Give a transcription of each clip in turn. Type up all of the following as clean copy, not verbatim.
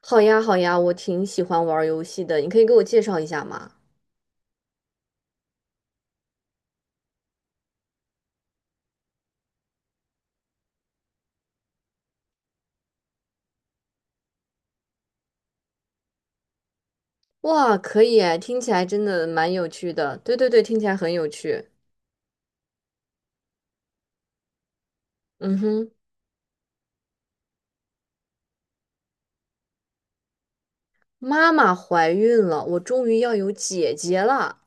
好呀，好呀，我挺喜欢玩儿游戏的，你可以给我介绍一下吗？哇，可以哎，听起来真的蛮有趣的。对对对，听起来很有趣。嗯哼，妈妈怀孕了，我终于要有姐姐了。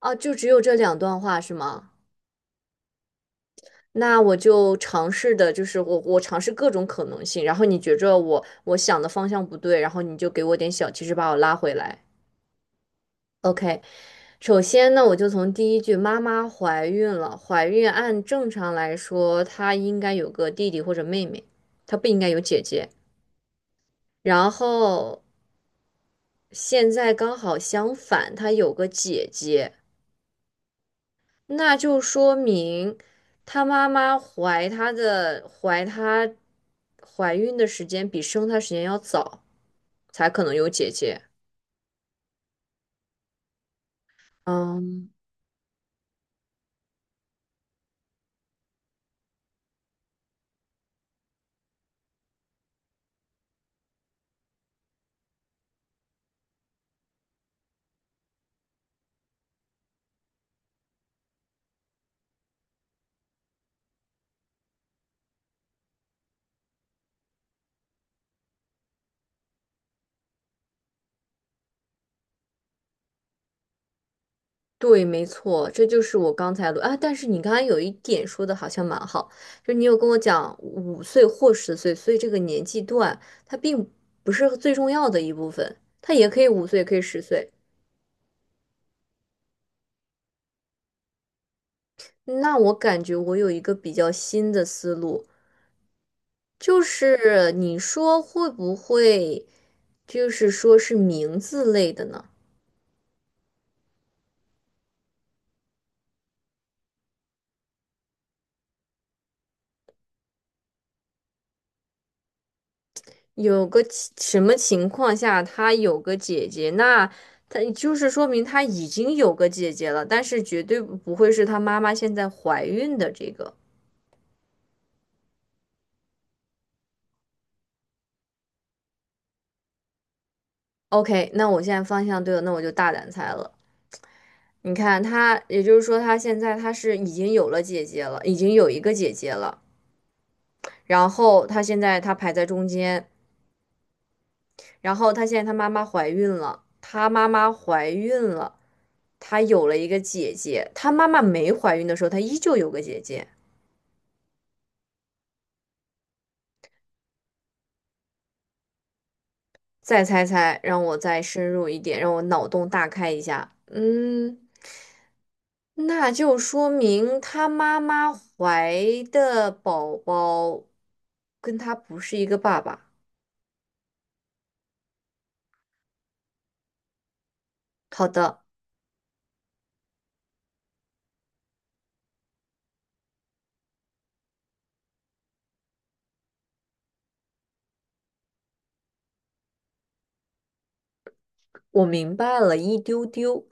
啊！就只有这两段话是吗？那我就尝试的，就是我尝试各种可能性，然后你觉着我想的方向不对，然后你就给我点小提示把我拉回来。OK，首先呢，我就从第一句"妈妈怀孕了"，怀孕按正常来说，她应该有个弟弟或者妹妹，她不应该有姐姐。然后现在刚好相反，她有个姐姐，那就说明她妈妈怀她的怀她怀孕的时间比生她时间要早，才可能有姐姐。嗯。对，没错，这就是我刚才录啊。但是你刚才有一点说的好像蛮好，就是你有跟我讲五岁或十岁，所以这个年纪段它并不是最重要的一部分，它也可以五岁，也可以十岁。那我感觉我有一个比较新的思路，就是你说会不会，就是说是名字类的呢？有个情什么情况下他有个姐姐，那他就是说明他已经有个姐姐了，但是绝对不会是他妈妈现在怀孕的这个。OK,那我现在方向对了，那我就大胆猜了。你看他，也就是说他现在他是已经有了姐姐了，已经有一个姐姐了，然后他现在他排在中间，然后他现在他妈妈怀孕了，他妈妈怀孕了，他有了一个姐姐，他妈妈没怀孕的时候，他依旧有个姐姐。再猜猜，让我再深入一点，让我脑洞大开一下。嗯，那就说明他妈妈怀的宝宝跟他不是一个爸爸。好的，我明白了一丢丢。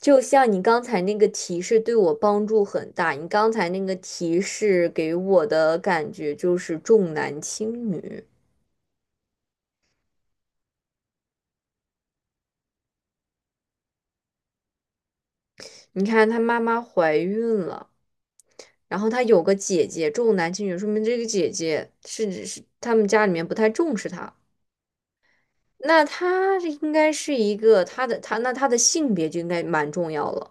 就像你刚才那个提示对我帮助很大，你刚才那个提示给我的感觉就是重男轻女。你看，她妈妈怀孕了。然后他有个姐姐重男轻女，说明这个姐姐是他们家里面不太重视他。那他这应该是一个他的性别就应该蛮重要了。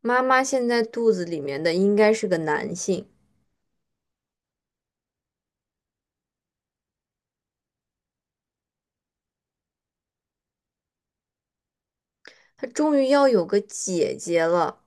妈妈现在肚子里面的应该是个男性。他终于要有个姐姐了。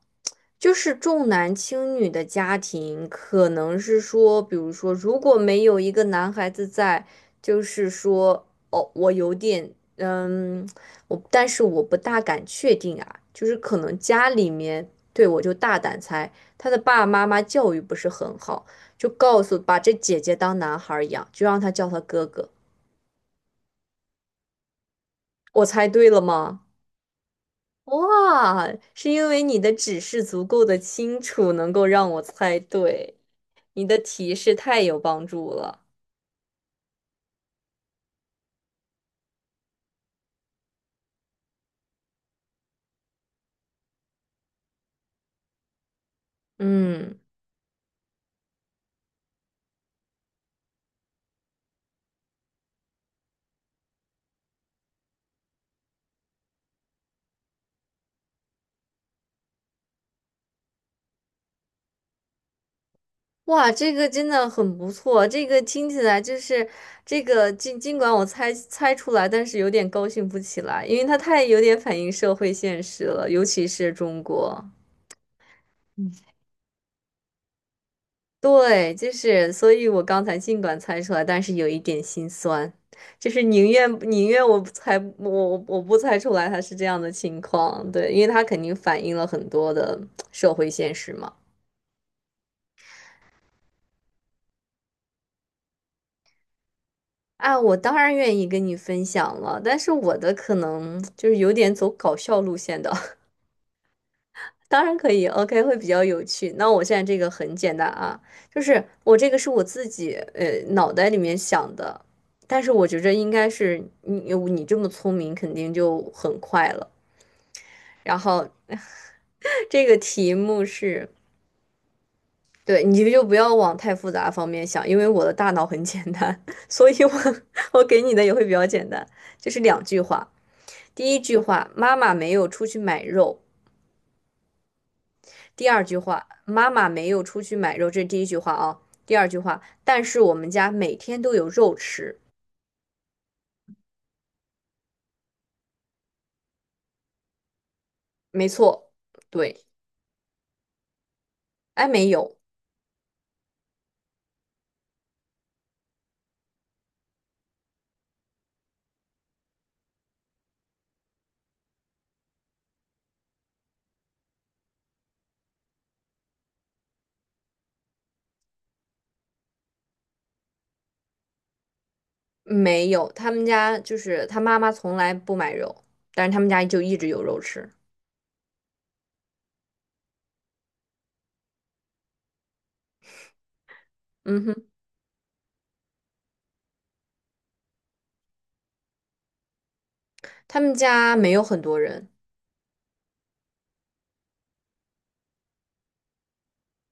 就是重男轻女的家庭，可能是说，比如说，如果没有一个男孩子在，就是说，哦，我有点，嗯，我，但是我不大敢确定啊，就是可能家里面，对，我就大胆猜，他的爸爸妈妈教育不是很好，就告诉把这姐姐当男孩儿养，就让他叫他哥哥。我猜对了吗？哇，是因为你的指示足够的清楚，能够让我猜对，你的提示太有帮助了。嗯，哇，这个真的很不错，这个听起来就是这个尽管我猜出来，但是有点高兴不起来，因为它太有点反映社会现实了，尤其是中国。对，就是，所以我刚才尽管猜出来，但是有一点心酸，就是宁愿我不猜我不猜出来他是这样的情况，对，因为他肯定反映了很多的社会现实嘛。啊，我当然愿意跟你分享了，但是我的可能就是有点走搞笑路线的。当然可以，OK,会比较有趣。那我现在这个很简单啊，就是我这个是我自己脑袋里面想的，但是我觉着应该是你这么聪明，肯定就很快了。然后 这个题目是，对，你就不要往太复杂方面想，因为我的大脑很简单，所以我 我给你的也会比较简单，就是两句话。第一句话，妈妈没有出去买肉。第二句话，妈妈没有出去买肉，这是第一句话啊。第二句话，但是我们家每天都有肉吃。没错，对，哎，没有，没有，他们家就是他妈妈从来不买肉，但是他们家就一直有肉吃。嗯哼，他们家没有很多人，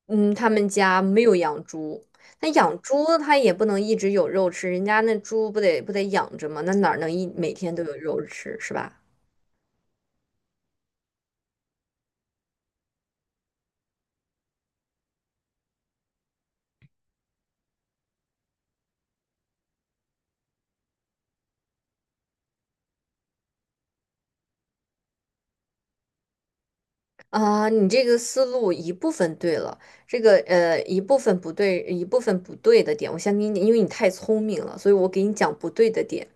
嗯，他们家没有养猪。那养猪它也不能一直有肉吃，人家那猪不得养着吗？那哪儿能一每天都有肉吃是吧？啊，你这个思路一部分对了，这个一部分不对，一部分不对的点，我先给你，因为你太聪明了，所以我给你讲不对的点。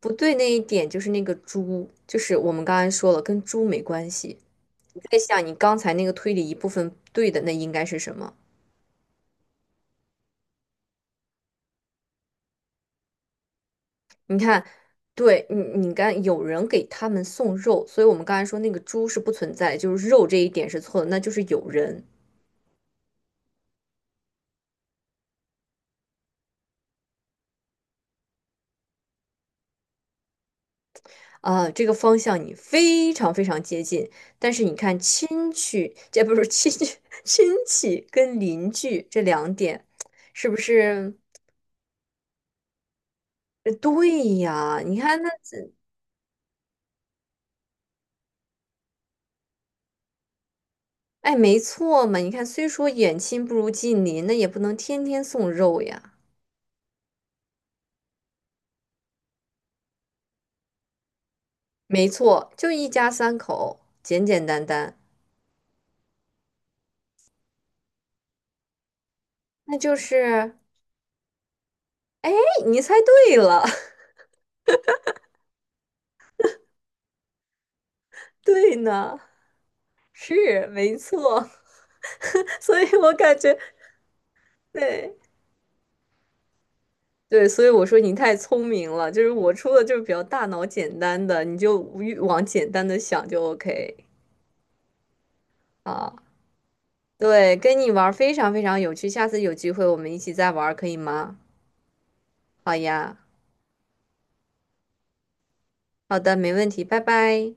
不对那一点就是那个猪，就是我们刚才说了，跟猪没关系。你在想你刚才那个推理一部分对的，那应该是什么？你看，对你，你刚有人给他们送肉，所以我们刚才说那个猪是不存在的就是肉这一点是错的，那就是有人。啊，这个方向你非常非常接近，但是你看亲戚，这不是亲戚，亲戚跟邻居这两点，是不是？对呀，你看那这，哎，没错嘛。你看，虽说远亲不如近邻，那也不能天天送肉呀。没错，就一家三口，简简单单，那就是，哎，你猜对了，对呢，是没错，所以我感觉对。对，所以我说你太聪明了，就是我出的就是比较大脑简单的，你就越往简单的想就 OK 啊。对，跟你玩儿非常非常有趣，下次有机会我们一起再玩儿，可以吗？好呀，好的，没问题，拜拜。